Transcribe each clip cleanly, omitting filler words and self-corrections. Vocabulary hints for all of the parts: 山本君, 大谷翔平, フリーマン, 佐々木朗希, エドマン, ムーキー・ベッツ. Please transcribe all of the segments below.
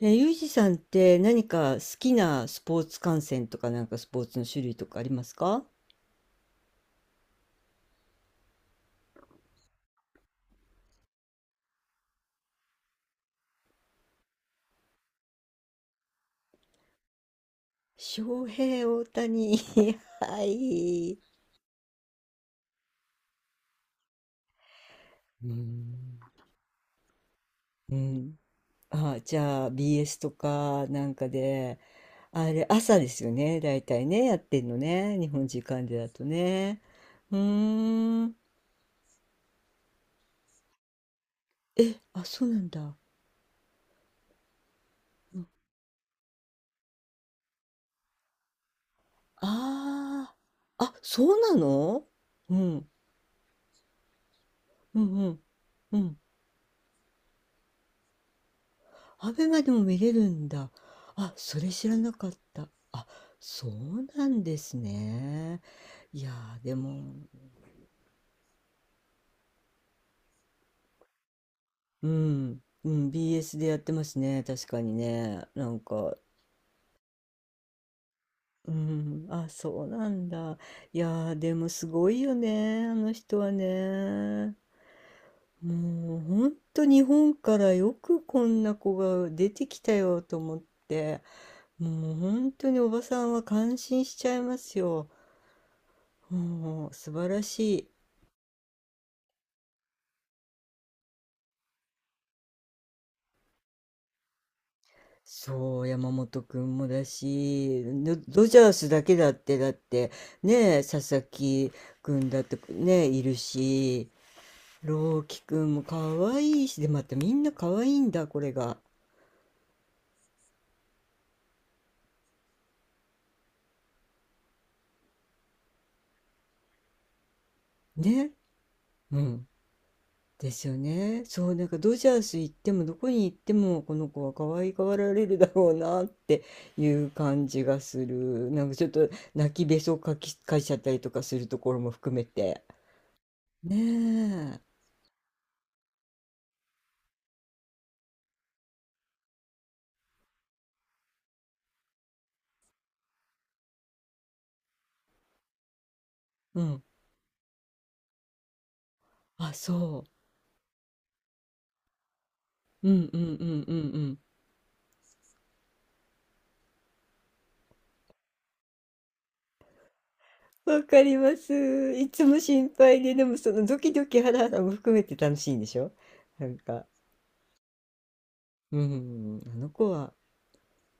え、ユージさんって何か好きなスポーツ観戦とかなんかスポーツの種類とかありますか？翔平、大谷、はい。うーん。うん。あ、じゃあ BS とかなんかで、あれ朝ですよね。だいたいね、やってんのね。日本時間でだとね。うーん。え、あ、そうなんだ。ああ。あ、そうなの。うん。うんうん。うん。アベマでも見れるんだ。あ、それ知らなかった。あ、そうなんですね。いやー、でも、うん、うん、BS でやってますね。確かにね。なんか、うん、あ、そうなんだ。いやー、でもすごいよね、あの人はね。もう、ほんと日本からよくこんな子が出てきたよと思って、もう本当におばさんは感心しちゃいますよ。うん、素晴らしい。そう、山本君もだし、ドジャースだけだって、ねえ、佐々木君だってね、いるし、朗希君も可愛いし、で、またみんな可愛いんだ、これが。ね。うん。ですよね。そう、なんかドジャース行っても、どこに行っても、この子は可愛がられるだろうなっていう感じがする。なんかちょっと泣きべそかいちゃったりとかするところも含めて。ねえ。うん。あ、そう。うんうんうんうんうん。わかります。いつも心配で、でもそのドキドキハラハラも含めて楽しいんでしょ、なんか。うん、あの子は、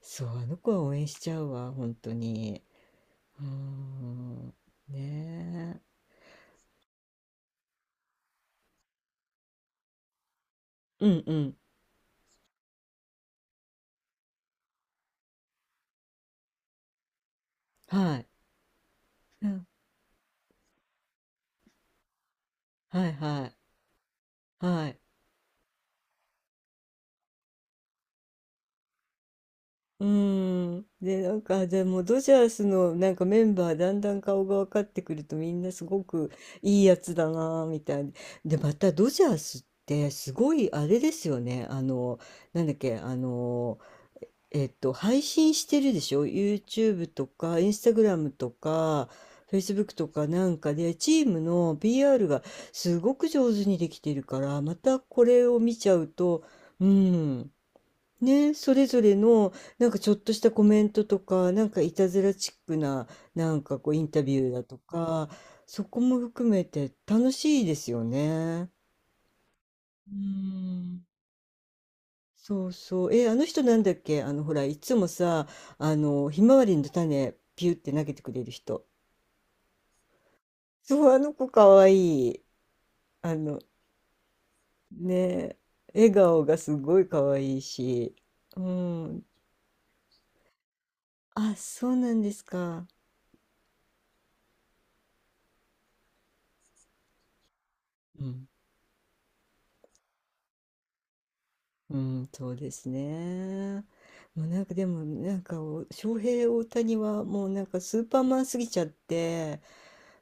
そう、あの子は応援しちゃうわ、本当に。うん、ねえ。うんうん。はい。うん、はいはい。はい。うん。で、なんか、じゃあもうドジャースのなんかメンバーだんだん顔が分かってくると、みんなすごくいいやつだなぁみたいな。で、またドジャースってすごいあれですよね。あの、なんだっけ、配信してるでしょ ?YouTube とか、Instagram とか、Facebook とかなんかで、チームの BR がすごく上手にできてるから、またこれを見ちゃうと、うん。ね、それぞれのなんかちょっとしたコメントとか、なんかいたずらチックな、なんかこうインタビューだとか、そこも含めて楽しいですよね。うーん。そうそう。え、あの人なんだっけ、ほら、いつもさ、ひまわりの種、ピュって投げてくれる人。そう、あの子かわいい。あの、ね、笑顔がすごいかわいいし。うん。あ、そうなんですか。うんうん、そうですね。もうなんかでも、なんかお翔平大谷はもうなんかスーパーマンすぎちゃって、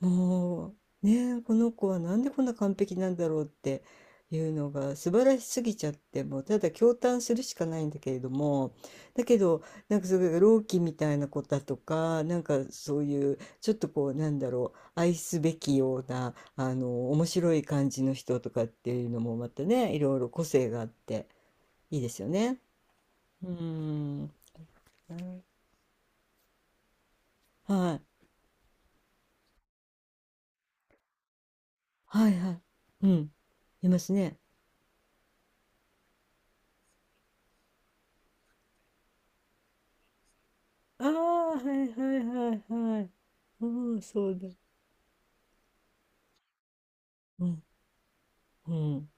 もうね、この子はなんでこんな完璧なんだろうっていうのが素晴らしすぎちゃって、もうただ驚嘆するしかないんだけれども、だけど、なんかそれが朗希みたいな子だとか、なんかそういうちょっとこうなんだろう、愛すべきようなあの面白い感じの人とかっていうのもまたね、いろいろ個性があって。いいですよね。うーん。はい。はいはい。うん。いますね。ああ、はいはいはいはい。うん、そうだ。うん、うん。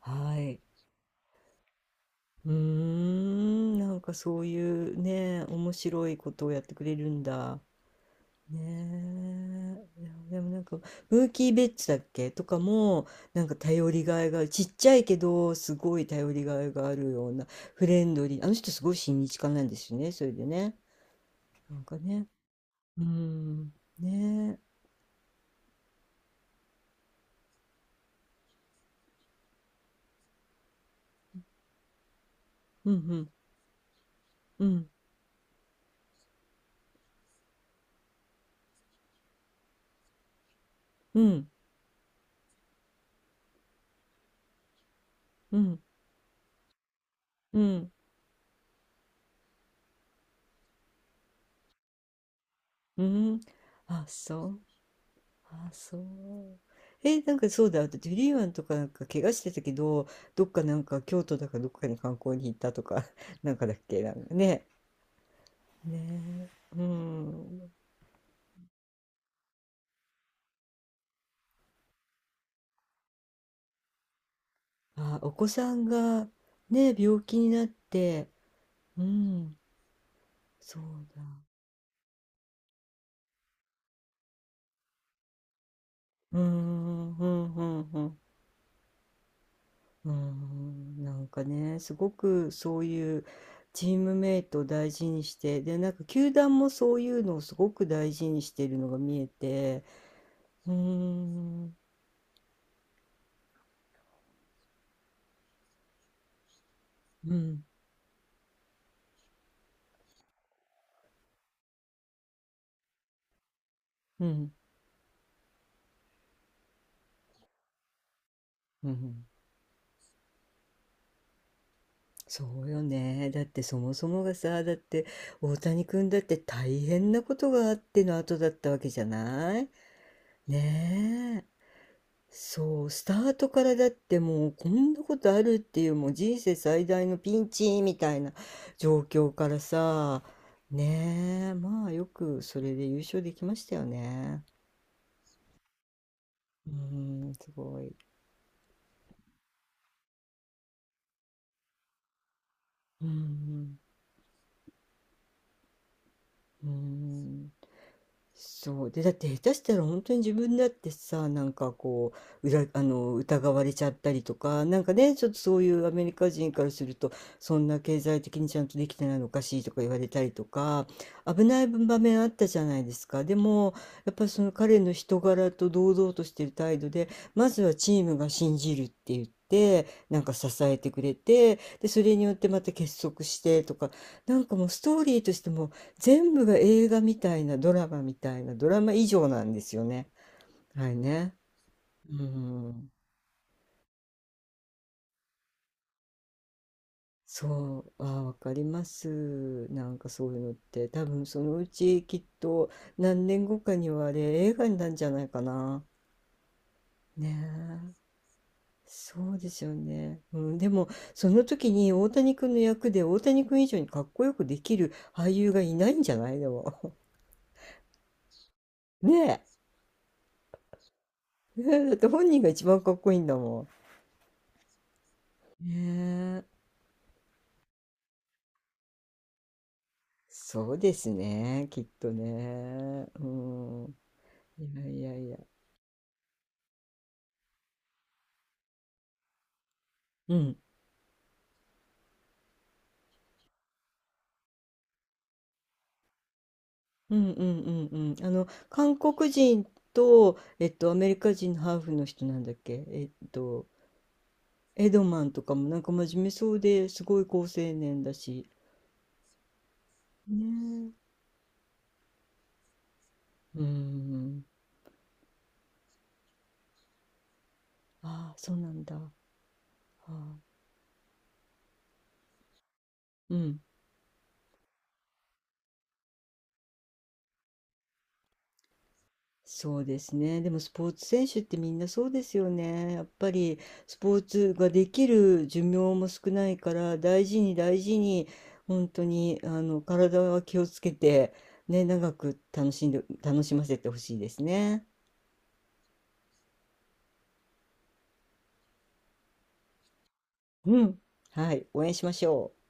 はい。うーん、なんかそういうね、面白いことをやってくれるんだ。ねえ。いやでもなんか、ムーキー・ベッツだっけとかも、なんか頼りがいがある。ちっちゃいけど、すごい頼りがいがあるような、フレンドリー。あの人すごい親日家なんですよね、それでね。なんかね、うーん、ねえ、うんうん、うん、うん、うん、うん、うん。あ、そう、あ、そう。え、なんかそうだ、だってフリーマンとかなんか怪我してたけど、どっかなんか京都だかどっかに観光に行ったとか、なんかだっけ、なんかね、ねえ、うん。あ、お子さんがね、病気になって、うん、そうだ。うん、うん、うん、うん。うーん、なんかね、すごくそういうチームメイトを大事にして、で、なんか球団もそういうのをすごく大事にしているのが見えて、うーん、うん、うん、うん、そうよね。だってそもそもがさ、だって大谷君だって大変なことがあっての後だったわけじゃない。ねえ。そう、スタートからだってもうこんなことあるっていう、もう人生最大のピンチみたいな状況からさ、ねえ、まあよくそれで優勝できましたよね。うん、すごい。うん、うん。そうで、だって下手したら本当に自分だってさ、なんかこう裏、疑われちゃったりとか、なんかね、ちょっとそういうアメリカ人からすると、そんな経済的にちゃんとできてないのおかしいとか言われたりとか、危ない場面あったじゃないですか。でも、やっぱりその彼の人柄と堂々としてる態度で、まずはチームが信じるって言って。なんか支えてくれて、で、それによってまた結束してとか、なんかもうストーリーとしても全部が映画みたいな、ドラマみたいな、ドラマ以上なんですよね。はいね。うん。そう、あーわかります。なんかそういうのって、多分そのうちきっと何年後かにはあれ、映画になるんじゃないかな。ねえ。そうですよね。うん、でも、その時に大谷君の役で大谷君以上にかっこよくできる俳優がいないんじゃないでも。ねえ。ねえ、だって本人が一番かっこいいんだもん。ねえ。そうですね、きっとね。うん。いやいやいや。うん。うんうんうんうん。韓国人と、アメリカ人のハーフの人なんだっけ、エドマンとかもなんか真面目そうですごい好青年だし。ねえ。うん。ああ、そうなんだ。はあうん。そうですね。でもスポーツ選手ってみんなそうですよね。やっぱりスポーツができる寿命も少ないから大事に大事に本当にあの体は気をつけてね、長く楽しんで、楽しませてほしいですね。うん。はい。応援しましょう。